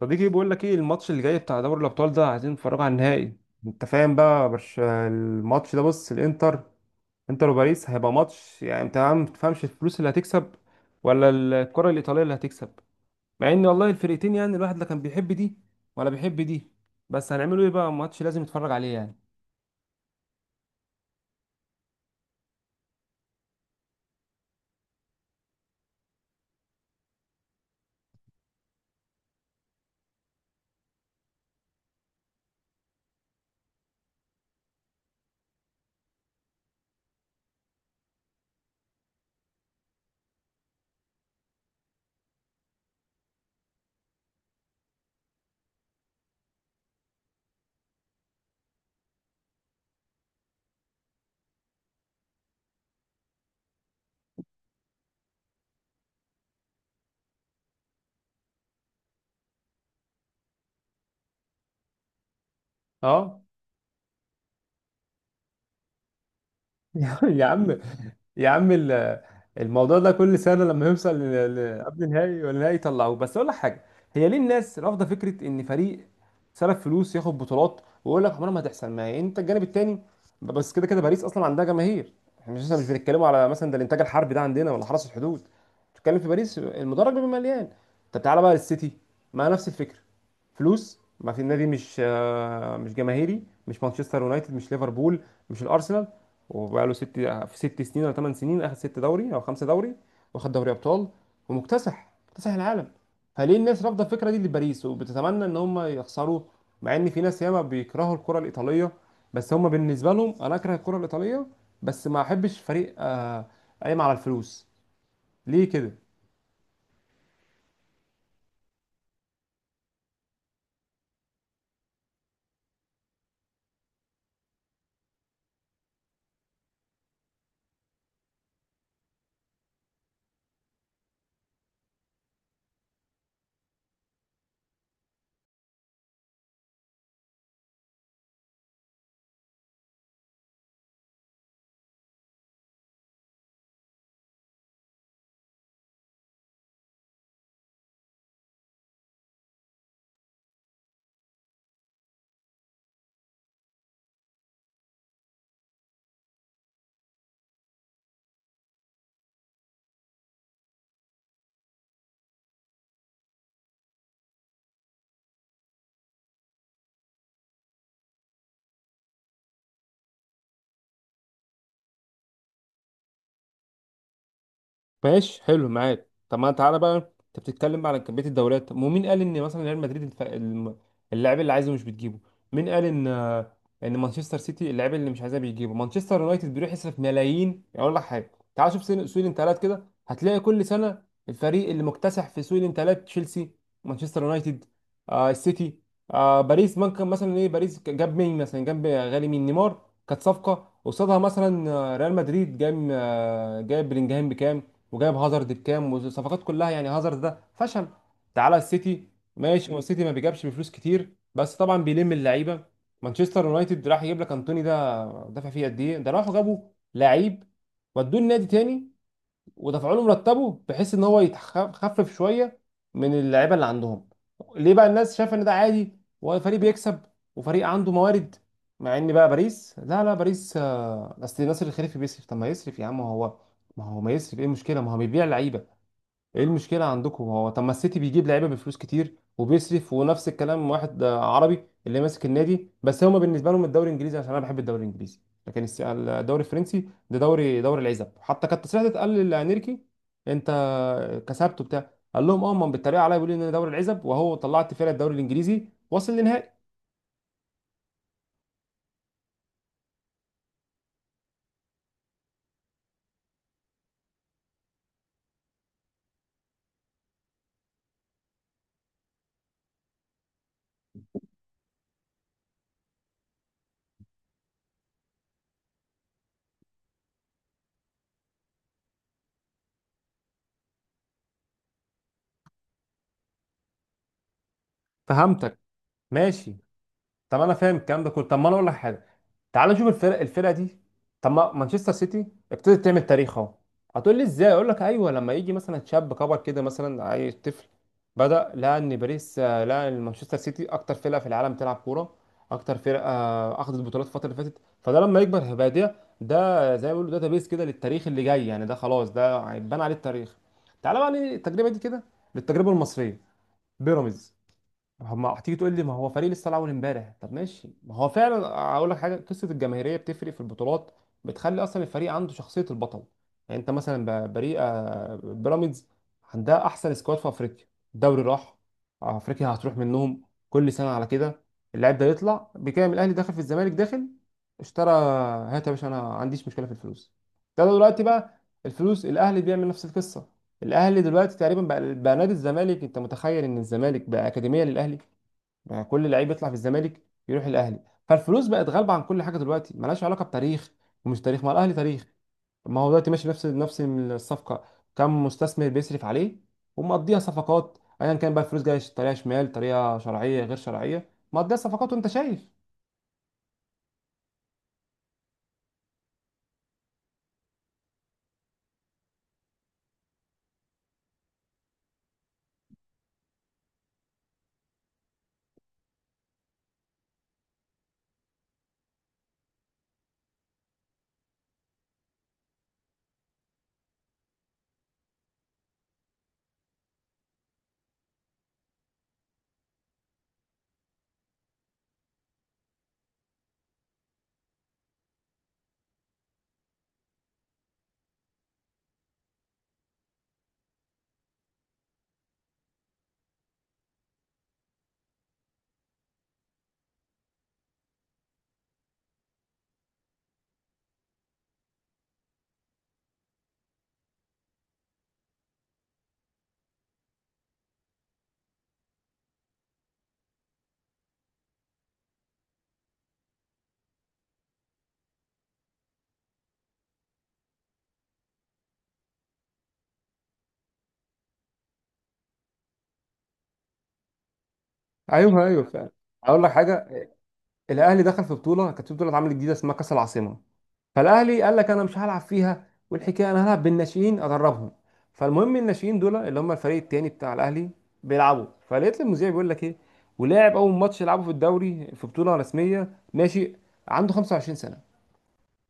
صديقي بيقول لك ايه الماتش اللي جاي بتاع دوري الابطال ده، عايزين نتفرج على النهائي. انت فاهم بقى؟ برش الماتش ده. بص، الانتر، انتر وباريس هيبقى ماتش. يعني انت ما تفهمش الفلوس اللي هتكسب ولا الكرة الايطالية اللي هتكسب؟ مع ان والله الفرقتين، يعني الواحد لا كان بيحب دي ولا بيحب دي، بس هنعمله ايه؟ بقى ماتش لازم يتفرج عليه يعني. اه. يا عم، يا عم ال- الموضوع ده كل سنه لما يوصل قبل نهائي ولا نهائي يطلعوه. بس اقول لك حاجه، هي ليه الناس رافضه فكره ان فريق صرف فلوس ياخد بطولات، ويقول لك عمرها ما هتحصل؟ ما هي انت الجانب التاني، بس كده كده باريس اصلا عندها جماهير. احنا مش بنتكلموا على مثلا ده الانتاج الحربي ده عندنا ولا حرس الحدود، بتتكلم في باريس، المدرج بيبقى مليان. طب تعالى بقى للسيتي، ما نفس الفكره، فلوس. ما في النادي مش مش جماهيري، مش مانشستر يونايتد، مش ليفربول، مش الارسنال. وبقاله ست في ست سنين ولا ثمان سنين اخد ست دوري او خمسه دوري، واخد دوري ابطال، ومكتسح مكتسح العالم. فليه الناس رافضه الفكره دي لباريس وبتتمنى ان هم يخسروه؟ مع ان في ناس ياما بيكرهوا الكره الايطاليه، بس هم بالنسبه لهم، انا اكره الكره الايطاليه بس ما احبش فريق قايم على الفلوس. ليه كده؟ ماشي، حلو معاك. طب ما تعالى بقى، انت بتتكلم على كميه الدوريات. طب ومين قال ان مثلا ريال مدريد اللاعب اللي عايزه مش بتجيبه؟ مين قال ان ان مانشستر سيتي اللاعب اللي مش عايزاه بيجيبه؟ مانشستر يونايتد بيروح يصرف ملايين. اقول لك حاجه، تعال شوف سوق الانتقالات كده، هتلاقي كل سنه الفريق اللي مكتسح في سوق الانتقالات تشيلسي، مانشستر يونايتد، آه السيتي. آه باريس ممكن مثلا ايه؟ باريس جاب مين مثلا؟ جاب غالي مين؟ نيمار. كانت صفقه قصادها مثلا ريال مدريد جاب، جاب بلينجهام بكام، وجايب هازارد بكام. والصفقات كلها يعني هازارد ده فشل. تعالى السيتي، ماشي هو السيتي ما بيجابش بفلوس كتير بس طبعا بيلم اللعيبه. مانشستر يونايتد راح يجيب لك انتوني، ده دفع فيه قد ايه؟ ده راحوا جابوا لعيب ودوه النادي تاني، ودفعوا له مرتبه بحيث ان هو يخفف شويه من اللعيبه اللي عندهم. ليه بقى الناس شايفه ان ده عادي وفريق بيكسب وفريق عنده موارد؟ مع ان بقى باريس، لا لا باريس، اصل ناصر الخليفي بيصرف. طب ما يصرف يا عم، هو ما هو ما يصرف ايه المشكله؟ ما هو بيبيع لعيبه. ايه المشكله عندكم هو؟ طب ما السيتي بيجيب لعيبه بفلوس كتير وبيصرف ونفس الكلام. واحد عربي اللي ماسك النادي. بس هما بالنسبه لهم الدوري الانجليزي، عشان انا بحب الدوري الانجليزي، لكن الدوري الفرنسي ده دوري، دوري العزب. حتى كانت تصريحات اتقال لانيركي انت كسبته بتاع، قال لهم اه ما بيتريق عليا بيقول لي ان ده دوري العزب، وهو طلعت فرقه الدوري الانجليزي وصل للنهائي. فهمتك. ماشي. طب انا فاهم الكلام ده كله. طب ما انا اقول لك حاجه، تعال نشوف الفرق، الفرقه دي، طب ما مانشستر سيتي ابتدت تعمل تاريخ اهو. هتقول لي ازاي؟ اقول لك ايوه، لما يجي مثلا شاب كبر كده مثلا عايز طفل، بدا لقى ان باريس، لقى ان مانشستر سيتي اكتر فرقه في العالم بتلعب كوره، اكتر فرقه اخذت بطولات الفتره اللي فاتت، فده لما يكبر هيبقى ده ده زي ما بيقولوا داتا بيس كده للتاريخ اللي جاي. يعني ده خلاص ده هيتبنى عليه التاريخ. تعالى بقى للتجربه دي كده، للتجربه المصريه، بيراميدز. هما هتيجي تقول لي ما هو فريق لسه الاول امبارح، طب ماشي ما هو فعلا. اقول لك حاجه، قصه الجماهيريه بتفرق في البطولات، بتخلي اصلا الفريق عنده شخصيه البطل. يعني انت مثلا فريق بيراميدز عندها احسن سكواد في افريقيا، الدوري راح، افريقيا هتروح منهم، كل سنه على كده. اللاعب ده يطلع بكام؟ الاهلي داخل، في الزمالك داخل، اشترى. هات يا باشا، انا ما عنديش مشكله في الفلوس. ده دلوقتي بقى الفلوس، الاهلي بيعمل نفس القصه. الاهلي دلوقتي تقريبا بقى نادي الزمالك، انت متخيل ان الزمالك بقى اكاديميه للاهلي؟ بقى كل لعيب يطلع في الزمالك يروح الاهلي. فالفلوس بقت غالبه عن كل حاجه دلوقتي، ملهاش علاقه بتاريخ. ومش تاريخ، ما الاهلي تاريخ، ما هو دلوقتي ماشي نفس الصفقه، كم مستثمر بيصرف عليه ومقضيها صفقات، ايا كان بقى الفلوس جايه طريقه شمال، طريقه شرعيه، غير شرعيه، مقضيها صفقات. وانت شايف. ايوه ايوه فعلا. اقول لك حاجه، الاهلي دخل في بطوله، كانت في بطوله اتعملت جديده اسمها كاس العاصمه. فالاهلي قال لك انا مش هلعب فيها، والحكايه انا هلعب بالناشئين ادربهم. فالمهم الناشئين دول اللي هم الفريق التاني بتاع الاهلي بيلعبوا. فلقيت المذيع بيقول لك ايه؟ ولاعب اول ماتش يلعبه في الدوري في بطوله رسميه ناشئ عنده 25 سنه.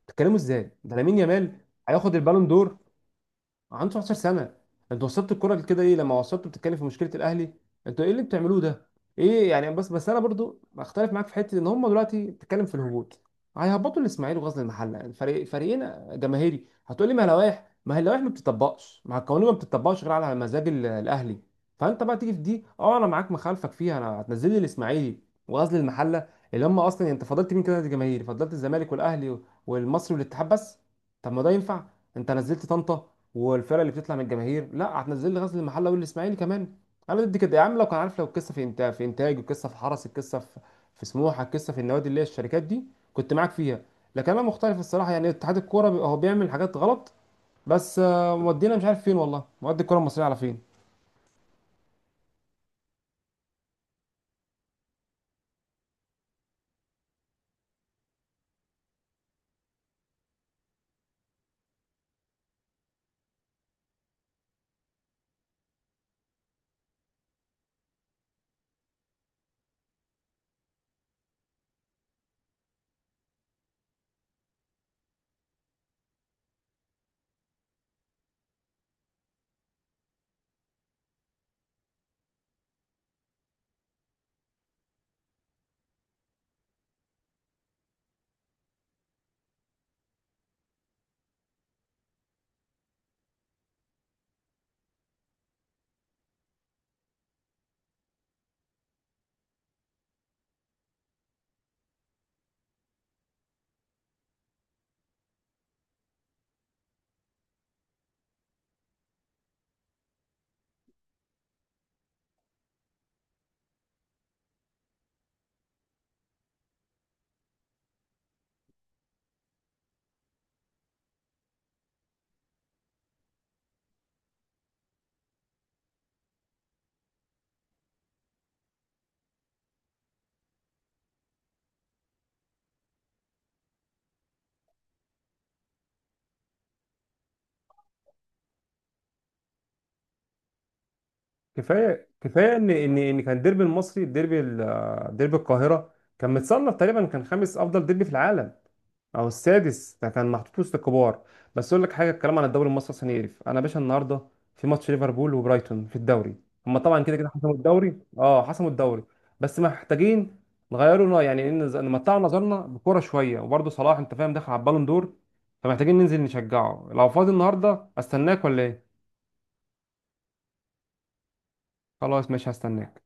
بتتكلموا ازاي؟ ده لامين يامال هياخد البالون دور، عنده 19 سنه. انتوا وصلتوا الكره لكده؟ ايه لما وصلتوا بتتكلم في مشكله الاهلي، انتوا ايه اللي بتعملوه ده؟ ايه يعني؟ بس انا برضو بختلف معاك في حته، ان هم دلوقتي بتتكلم في الهبوط، هيهبطوا الاسماعيلي وغزل المحله، يعني فريق فريقين جماهيري. هتقول لي ما لوائح، ما هي اللوائح ما بتطبقش، ما هي القوانين ما بتطبقش غير على مزاج الاهلي. فانت بقى تيجي في دي اه انا معاك، مخالفك فيها، انا هتنزل لي الاسماعيلي وغزل المحله اللي هم اصلا. انت فضلت مين كده جماهيري؟ فضلت الزمالك والاهلي والمصري والاتحاد بس. طب ما ده ينفع؟ انت نزلت طنطا والفرق اللي بتطلع من الجماهير، لا هتنزل لي غزل المحله والاسماعيلي كمان. انا ضد كده يا عم. لو كان عارف، لو القصه في انتاج، في انتاج، القصه في حرس، القصه في في سموحه، القصه في النوادي اللي هي الشركات دي، كنت معاك فيها. لكن انا مختلف الصراحه، يعني اتحاد الكوره بيبقى هو بيعمل حاجات غلط. بس مودينا مش عارف فين، والله مودي الكوره المصريه على فين. كفايه كفايه ان كان الديربي المصري، الديربي ديربي القاهره كان متصنف تقريبا، كان خامس افضل ديربي في العالم او السادس، ده كان محطوط وسط الكبار. بس اقول لك حاجه، الكلام عن الدوري المصري عشان يقرف. انا يا باشا النهارده في ماتش ليفربول وبرايتون في الدوري، هما طبعا كده كده حسموا الدوري اه حسموا الدوري، بس محتاجين نغيروا يعني نمتعوا نظرنا بكوره شويه، وبرده صلاح انت فاهم داخل على البالون دور، فمحتاجين ننزل نشجعه. لو فاضي النهارده استناك، ولا ايه؟ خلاص ماشي هستناك.